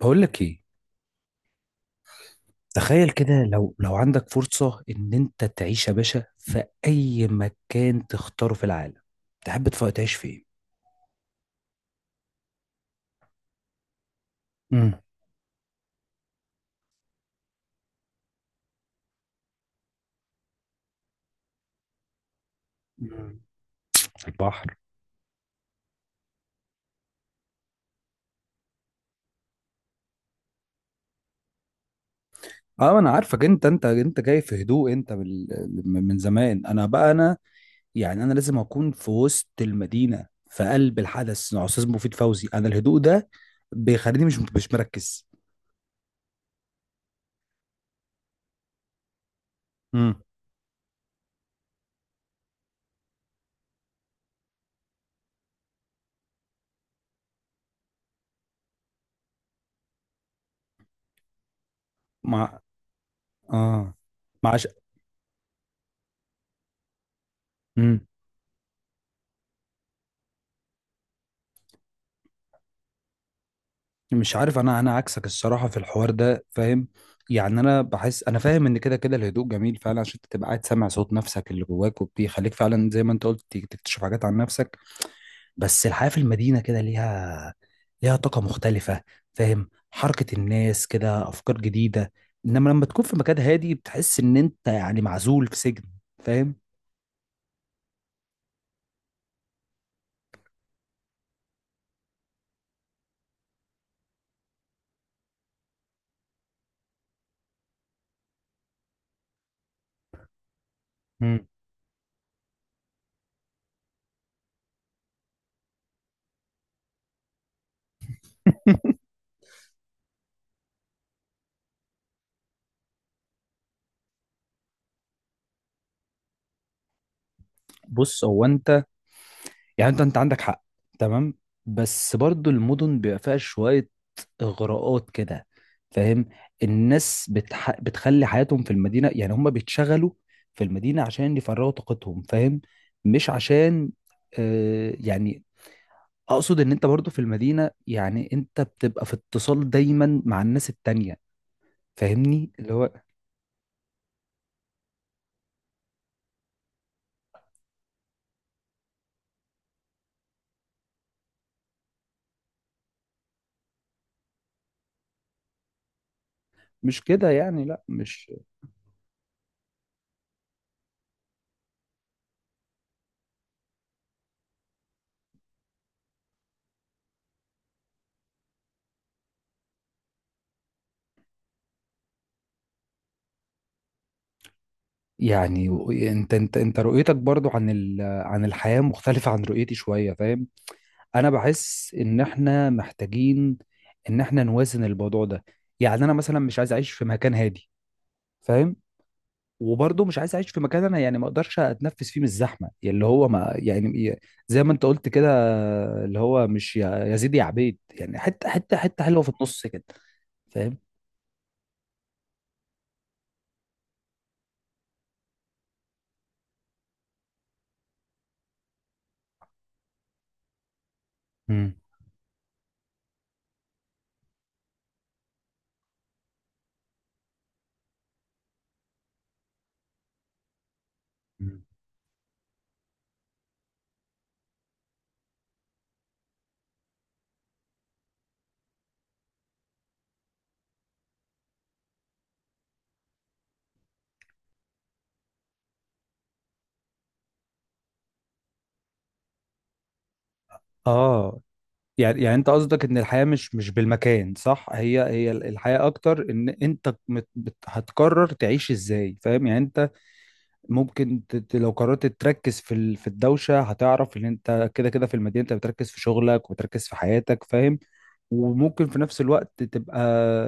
بقول لك ايه؟ تخيل كده لو عندك فرصة ان انت تعيش يا باشا في اي مكان تختاره في العالم. تحب تعيش فين؟ امم. البحر. اه، انا عارفك انت جاي في هدوء. انت من زمان. انا بقى انا، يعني انا لازم اكون في وسط المدينة، في قلب الحدث، استاذ مفيد فوزي. انا الهدوء ده بيخليني مش مركز. امم. مع. اه. معش. مش عارف، انا عكسك الصراحه في الحوار ده، فاهم؟ يعني انا بحس، انا فاهم ان كده كده الهدوء جميل فعلا عشان تبقى قاعد سامع صوت نفسك اللي جواك، وبيخليك فعلا زي ما انت قلت تكتشف حاجات عن نفسك. بس الحياه في المدينه كده ليها، ليها طاقه مختلفه، فاهم؟ حركه الناس كده، افكار جديده. انما لما تكون في مكان هادي بتحس ان انت يعني معزول في سجن، فاهم؟ مم. بص، هو انت، يعني انت عندك حق، تمام. بس برضو المدن بيبقى فيها شويه اغراءات كده، فاهم؟ الناس بتخلي حياتهم في المدينه. يعني هم بيتشغلوا في المدينه عشان يفرغوا طاقتهم، فاهم؟ مش عشان، آه يعني، اقصد ان انت برضو في المدينه يعني انت بتبقى في اتصال دايما مع الناس التانية، فاهمني؟ اللي هو مش كده، يعني لا مش يعني. انت رؤيتك برضو عن ال... عن الحياه مختلفه عن رؤيتي شويه، فاهم؟ انا بحس ان احنا محتاجين ان احنا نوازن الموضوع ده. يعني انا مثلا مش عايز اعيش في مكان هادي، فاهم؟ وبرضه مش عايز اعيش في مكان انا يعني ما اقدرش اتنفس فيه من الزحمه، يعني اللي هو ما يعني زي ما انت قلت كده، اللي هو مش يا يا زيد يا عبيد. يعني حته حته حته حلوه في النص كده، فاهم؟ امم. اه، يعني يعني انت قصدك ان الحياه مش مش بالمكان. صح، هي هي الحياه اكتر ان انت هتقرر تعيش ازاي، فاهم يعني؟ ممكن لو قررت تركز في في الدوشه، هتعرف ان انت كده كده في المدينه انت بتركز في شغلك وتركز في حياتك، فاهم؟ وممكن في نفس الوقت تبقى،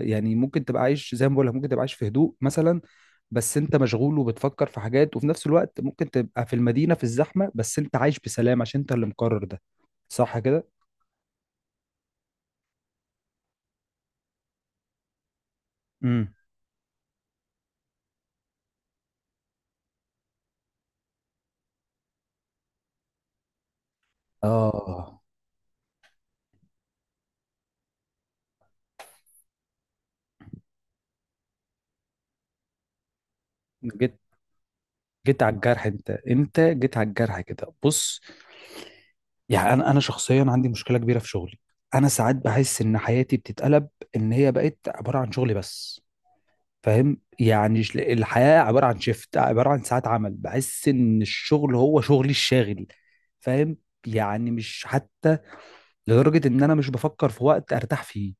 يعني ممكن تبقى عايش زي ما بقول لك، ممكن تبقى عايش في هدوء مثلا، بس انت مشغول وبتفكر في حاجات. وفي نفس الوقت ممكن تبقى في المدينه في الزحمه، بس انت عايش بسلام عشان انت اللي مقرر ده، صح كده؟ امم. اه. جيت، جيت على الجرح. انت جيت على الجرح كده، بص. يعني انا شخصيا عندي مشكله كبيره في شغلي. انا ساعات بحس ان حياتي بتتقلب، ان هي بقت عباره عن شغل بس، فاهم؟ يعني الحياه عباره عن شيفت، عباره عن ساعات عمل. بحس ان الشغل هو شغلي الشاغل، فاهم؟ يعني مش حتى، لدرجه ان انا مش بفكر في وقت ارتاح فيه،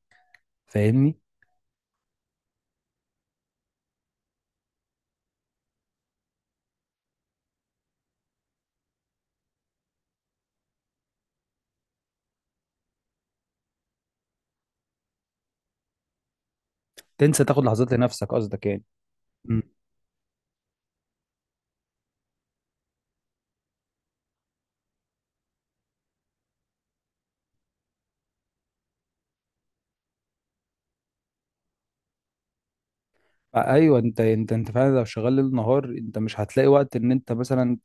فاهمني؟ تنسى تاخد لحظات لنفسك قصدك يعني. ايوه، انت فعلا لو شغال ليل نهار، انت مش هتلاقي وقت ان انت مثلا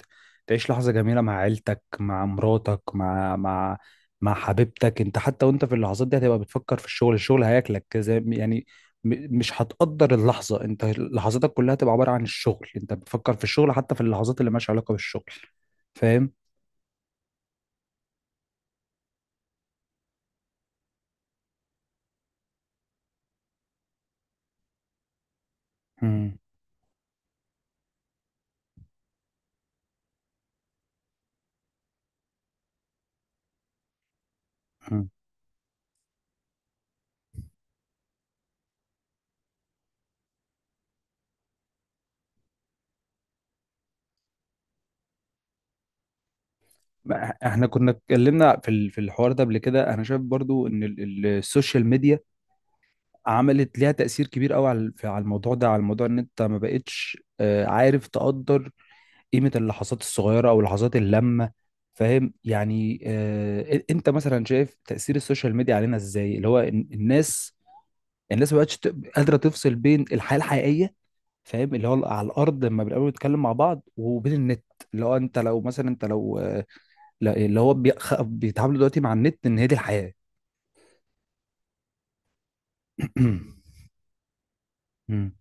تعيش لحظه جميله مع عيلتك، مع مراتك، مع حبيبتك. انت حتى وانت في اللحظات دي هتبقى بتفكر في الشغل. الشغل هياكلك زي يعني مش هتقدر اللحظه. انت لحظاتك كلها هتبقى عباره عن الشغل. انت بتفكر في الشغل حتى في اللحظات اللي مالهاش علاقه بالشغل، فاهم؟ مم. مم. ما احنا كنا اتكلمنا في في الحوار ده قبل كده. انا شايف برضو ان السوشيال ميديا عملت ليها تأثير كبير قوي على على الموضوع ده، على الموضوع ان انت ما بقتش، عارف، تقدر قيمة اللحظات الصغيرة او لحظات اللمة، فاهم يعني؟ انت مثلا شايف تأثير السوشيال ميديا علينا ازاي؟ اللي هو الناس، الناس ما بقتش قادرة تفصل بين الحياة الحقيقية، فاهم؟ اللي هو على الارض لما بنقابل نتكلم مع بعض، وبين النت. اللي هو انت لو مثلا انت لو اللي هو بيتعاملوا دلوقتي مع النت ان هي دي الحياة. مم.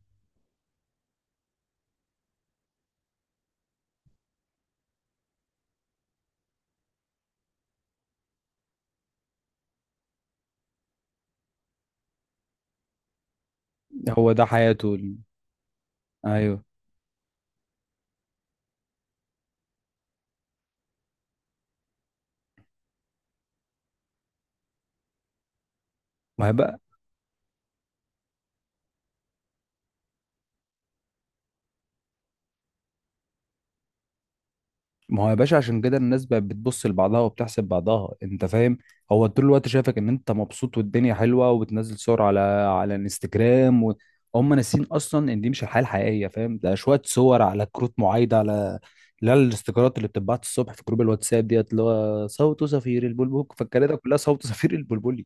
هو ده حياته، ايوه. ما هي بقى. ما هو يا باشا عشان كده الناس بقت بتبص لبعضها وبتحسب بعضها، انت فاهم؟ هو طول الوقت شايفك ان انت مبسوط والدنيا حلوه، وبتنزل صور على على الانستجرام و... هم ناسين اصلا ان دي مش الحياه الحقيقيه، فاهم؟ ده شويه صور على كروت معايده، على لا الاستيكرات اللي بتتبعت الصبح في جروب الواتساب ديت، اللي هو صوت صفير البلبل. فالكلام ده كلها صوت صفير البلبلي.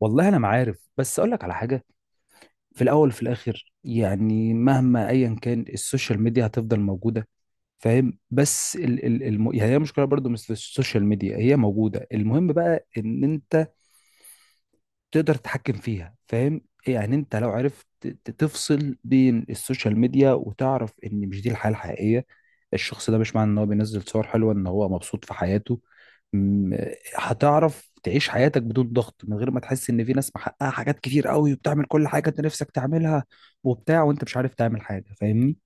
والله انا ما عارف، بس اقول لك على حاجه. في الاول وفي الاخر، يعني مهما ايا كان، السوشيال ميديا هتفضل موجوده، فاهم؟ بس يعني هي مشكله برضو مش في السوشيال ميديا، هي موجوده. المهم بقى ان انت تقدر تتحكم فيها، فاهم؟ يعني انت لو عرفت تفصل بين السوشيال ميديا وتعرف ان مش دي الحياه الحقيقيه، الشخص ده مش معنى ان هو بينزل صور حلوه ان هو مبسوط في حياته. م- هتعرف تعيش حياتك بدون ضغط، من غير ما تحس ان في ناس محققه حاجات كتير قوي وبتعمل كل حاجه انت نفسك تعملها وبتاع، وانت مش عارف تعمل حاجه، فاهمني؟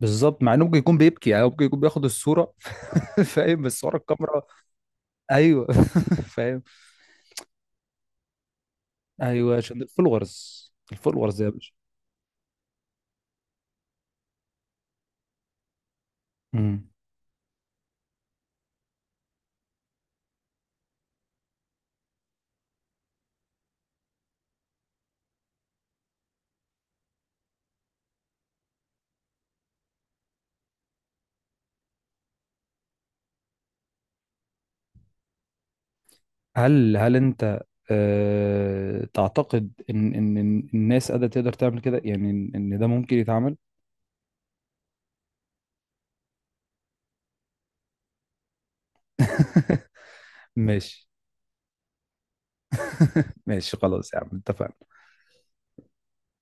بالظبط، مع انه ممكن يكون بيبكي. يعني هو ممكن يكون بياخد الصوره، فاهم؟ بس ورا الكاميرا. ايوه. فاهم. ايوه، عشان الفولورز، الفولورز يا باشا. مم. هل انت أه تعتقد ان إن الناس قادره تقدر تعمل كده؟ يعني ان إن ده ممكن يتعمل؟ ماشي. ماشي خلاص يا عم، اتفقنا.